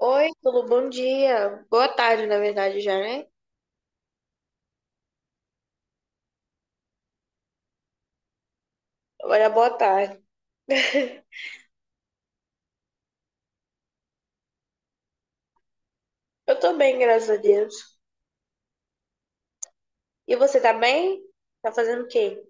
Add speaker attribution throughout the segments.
Speaker 1: Oi, tudo bom dia. Boa tarde, na verdade, já, né? Olha, boa tarde. Eu tô bem, graças a Deus. E você tá bem? Tá fazendo o quê?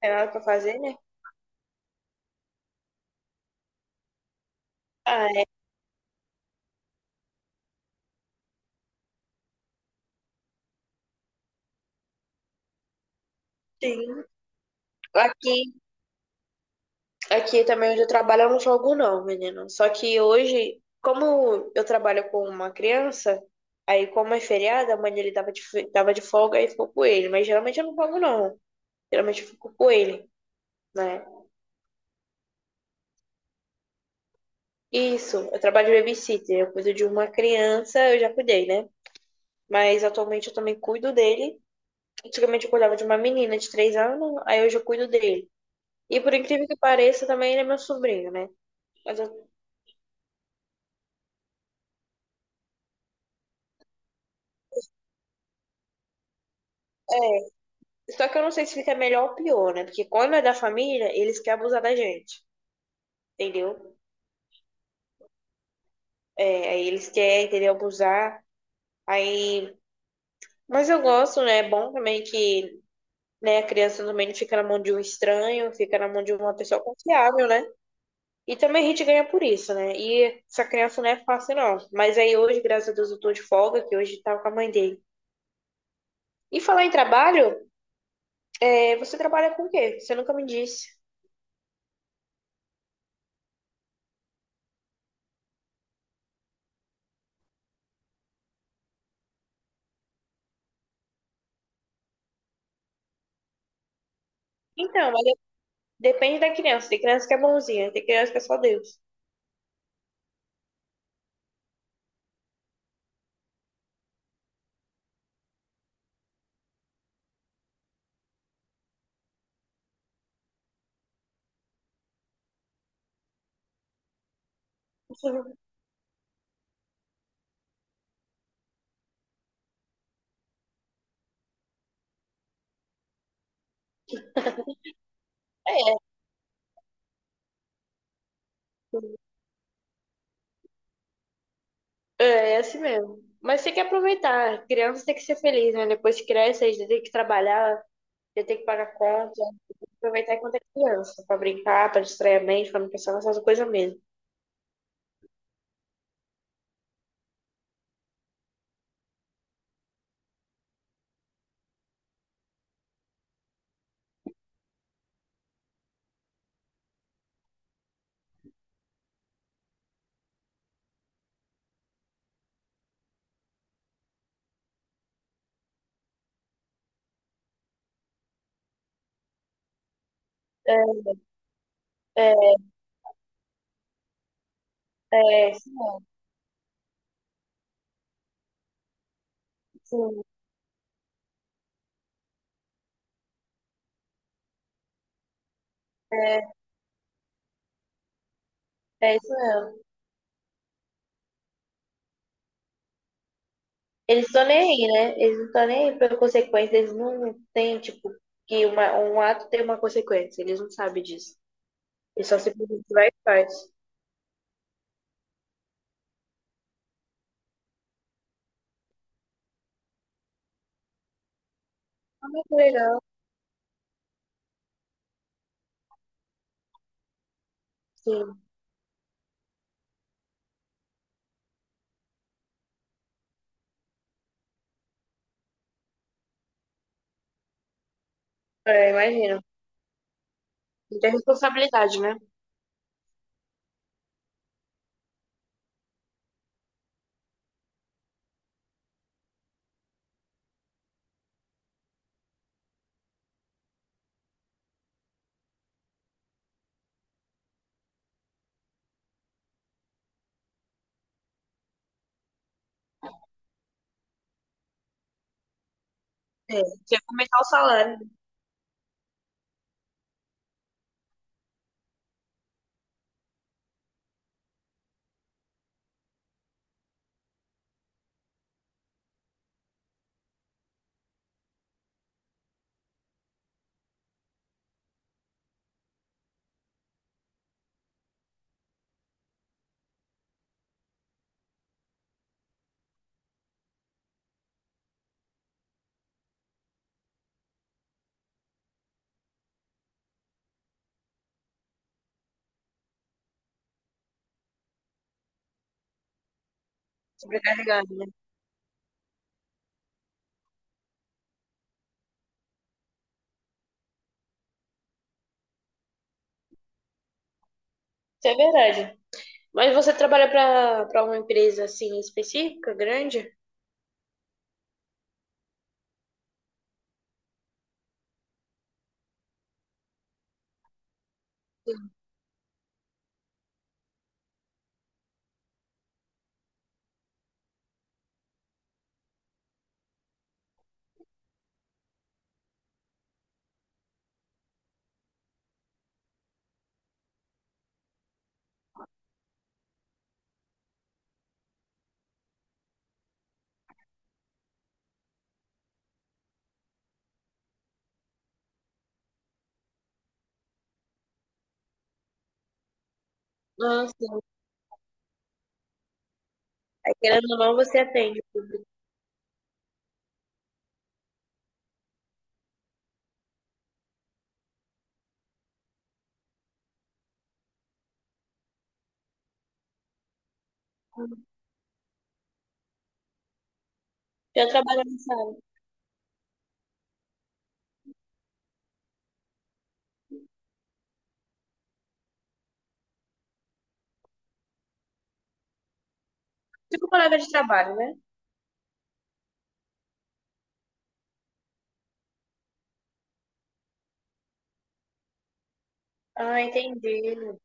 Speaker 1: Tem nada pra fazer, né? Ah, é, sim. Aqui, aqui também onde eu trabalho, eu não jogo não, menino. Só que hoje, como eu trabalho com uma criança, aí como é feriado, a mãe dele tava de, tava de folga e ficou com ele. Mas geralmente eu não jogo não. Geralmente eu fico com ele, né? Isso, eu trabalho de babysitter. Eu cuido de uma criança, eu já cuidei, né? Mas atualmente eu também cuido dele. Antigamente eu cuidava de uma menina de 3 anos, aí hoje eu cuido dele. E por incrível que pareça, também ele é meu sobrinho, né? Mas eu- é, só que eu não sei se fica melhor ou pior, né? Porque quando é da família, eles querem abusar da gente, entendeu? É, aí eles querem, entendeu? Abusar. Aí. Mas eu gosto, né? É bom também que, né, a criança também não fica na mão de um estranho, fica na mão de uma pessoa confiável, né? E também a gente ganha por isso, né? E essa criança não é fácil, não. Mas aí hoje, graças a Deus, eu tô de folga, que hoje tava com a mãe dele. E falar em trabalho, é, você trabalha com o quê? Você nunca me disse. Então, mas de- depende da criança. Tem criança que é bonzinha, tem criança que é só Deus. É, é assim mesmo. Mas tem que aproveitar. Criança tem que ser feliz, né? Depois que cresce, aí já tem que trabalhar, já tem que pagar conta. Aproveitar enquanto é criança, pra brincar, pra distrair a mente, pra não pensar nessas coisas mesmo. É, é, é, sim, sim. É, É isso mesmo. Eles estão nem aí, né? Eles não estão nem aí pra consequência. Eles não têm, tipo, um ato tem uma consequência. Eles não sabem disso. Eles só simplesmente vai e faz. Ah, mas que legal. Sim. É, imagina. Não tem responsabilidade, né? É. Você ia começar o salário sobrecarregado, né? Isso é verdade. Mas você trabalha pra uma empresa, assim, específica, grande? Ah, sim. Aí, querendo ou não, você atende o público. Eu trabalho nessa área. Tipo palavra de trabalho, né? Ah, entendi.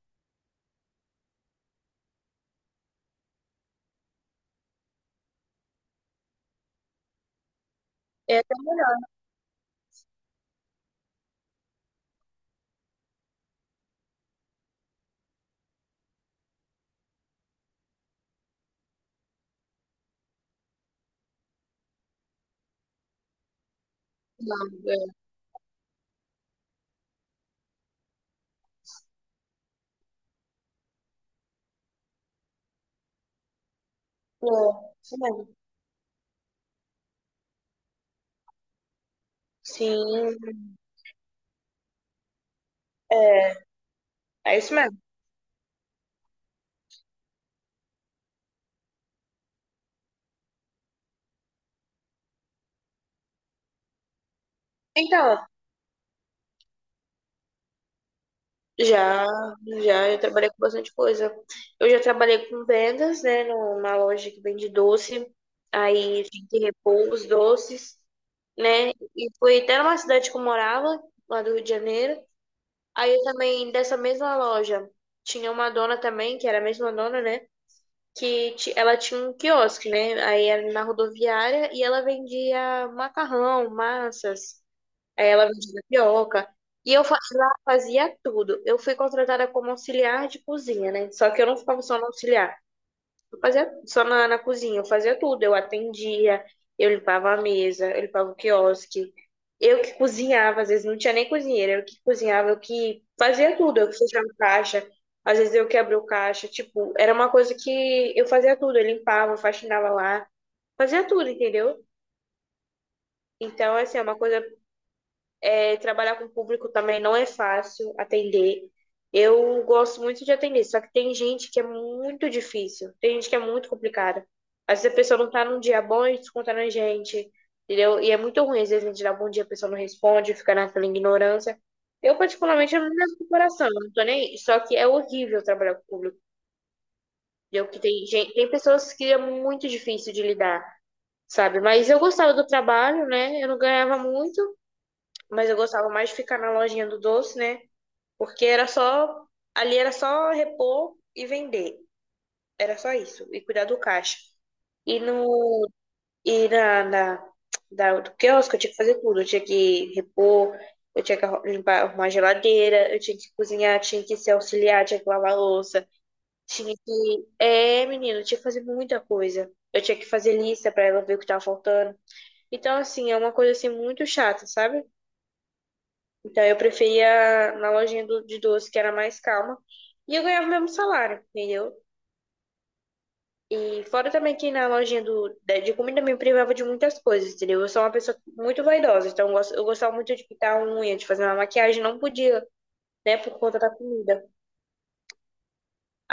Speaker 1: Nada. É, é isso mesmo. Sim, é, é isso mesmo. Então, já, eu trabalhei com bastante coisa. Eu já trabalhei com vendas, né, numa loja que vende doce, aí tinha que repor os doces, né, e foi até numa cidade que eu morava, lá do Rio de Janeiro. Aí eu também, dessa mesma loja, tinha uma dona também, que era a mesma dona, né, ela tinha um quiosque, né? Aí era na rodoviária e ela vendia macarrão, massas, aí ela vendia tapioca. Lá fazia tudo. Eu fui contratada como auxiliar de cozinha, né? Só que eu não ficava só no auxiliar. Eu fazia só na cozinha, eu fazia tudo. Eu atendia, eu limpava a mesa, eu limpava o quiosque. Eu que cozinhava, às vezes não tinha nem cozinheira, eu que cozinhava, eu que fazia tudo, eu que fechava caixa, às vezes eu que abria o caixa, tipo, era uma coisa que eu fazia tudo, eu limpava, faxinava lá, fazia tudo, entendeu? Então, assim, é uma coisa é, trabalhar com público também não é fácil atender. Eu gosto muito de atender, só que tem gente que é muito difícil, tem gente que é muito complicada. Às vezes a pessoa não tá num dia bom e desconta na gente, entendeu? E é muito ruim, às vezes a gente dá bom dia, a pessoa não responde, fica naquela ignorância. Eu, particularmente, eu não levo pro coração, eu não tô nem aí. Só que é horrível trabalhar com público, entendeu? Que tem gente, tem pessoas que é muito difícil de lidar, sabe? Mas eu gostava do trabalho, né? Eu não ganhava muito, mas eu gostava mais de ficar na lojinha do doce, né? Porque era só, ali era só repor e vender. Era só isso, e cuidar do caixa. E no e na, na da, do quiosque eu tinha que fazer tudo, eu tinha que repor, eu tinha que arru- limpar, arrumar a geladeira, eu tinha que cozinhar, tinha que se auxiliar, tinha que lavar a louça, tinha que. É, menino, eu tinha que fazer muita coisa. Eu tinha que fazer lista pra ela ver o que tava faltando. Então, assim, é uma coisa assim muito chata, sabe? Então eu preferia na lojinha de doce, que era mais calma, e eu ganhava o mesmo salário, entendeu? E fora também que na lojinha de comida me privava de muitas coisas, entendeu? Eu sou uma pessoa muito vaidosa, então eu gostava muito de pintar a unha, de fazer uma maquiagem, não podia, né, por conta da comida.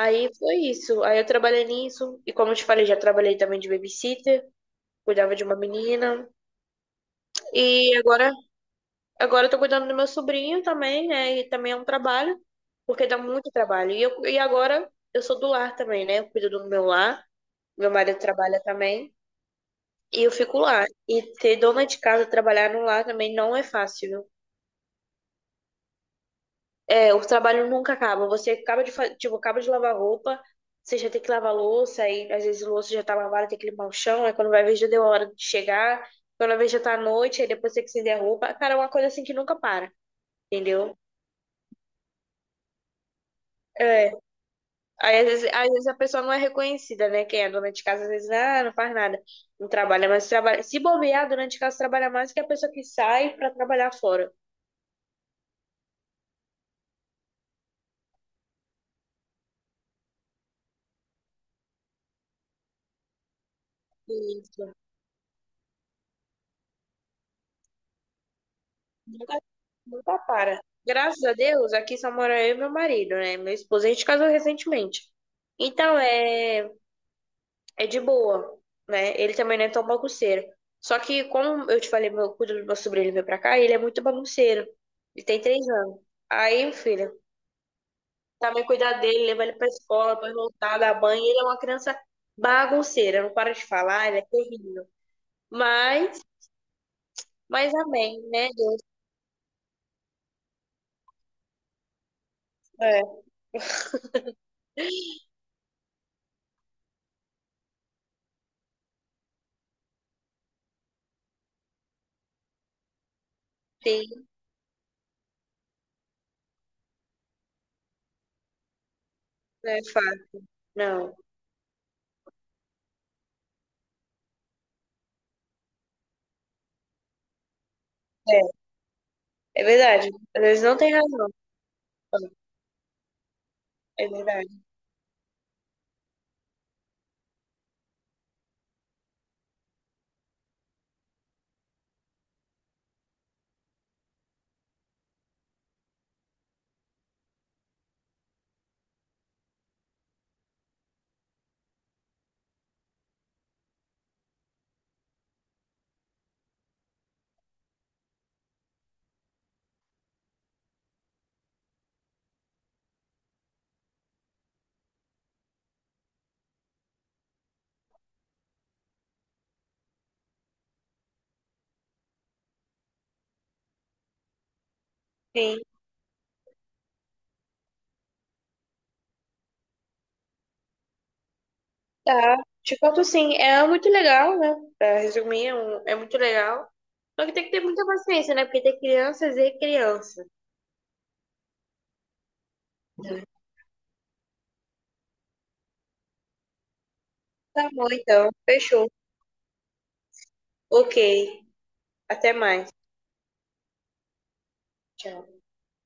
Speaker 1: Aí foi isso, aí eu trabalhei nisso, e como eu te falei, já trabalhei também de babysitter, cuidava de uma menina, e agora agora eu tô cuidando do meu sobrinho também, né? E também é um trabalho, porque dá muito trabalho. E agora eu sou do lar também, né? Eu cuido do meu lar, meu marido trabalha também, e eu fico lá. E ter dona de casa trabalhar no lar também não é fácil, viu? É, o trabalho nunca acaba. Você acaba de, tipo, acaba de lavar roupa, você já tem que lavar louça, aí às vezes a louça já tá lavada, tem que limpar o chão, aí quando vai ver já deu a hora de chegar, quando vai ver já tá à noite, aí depois tem que estender a roupa. Cara, é uma coisa assim que nunca para, entendeu? É, aí, às vezes a pessoa não é reconhecida, né? Quem é dona de casa, às vezes, ah, não faz nada, não trabalha, mas trabalha. Se bobear, a dona de casa trabalha mais que a pessoa que sai para trabalhar fora. Isso. Nunca, nunca para. Graças a Deus, aqui só mora eu e meu marido, né? Meu esposo, a gente casou recentemente. Então, é, é de boa, né? Ele também não é tão bagunceiro. Só que, como eu te falei, meu, quando meu sobrinho veio pra cá, ele é muito bagunceiro. Ele tem 3 anos. Aí, filho. Também cuidar dele, levar ele pra escola, depois voltar, dar banho. Ele é uma criança bagunceira, não para de falar, ele é terrível. Mas, mas amém, né? Deus? É, tem, né? Fato. Não, é, é verdade. Às vezes não tem razão. É verdade. Sim, tá. Te conto sim, é muito legal, né? Pra resumir, é muito legal. Só que tem que ter muita paciência, né? Porque tem crianças e criança. Tá bom, então. Fechou. Ok. Até mais. Tchau.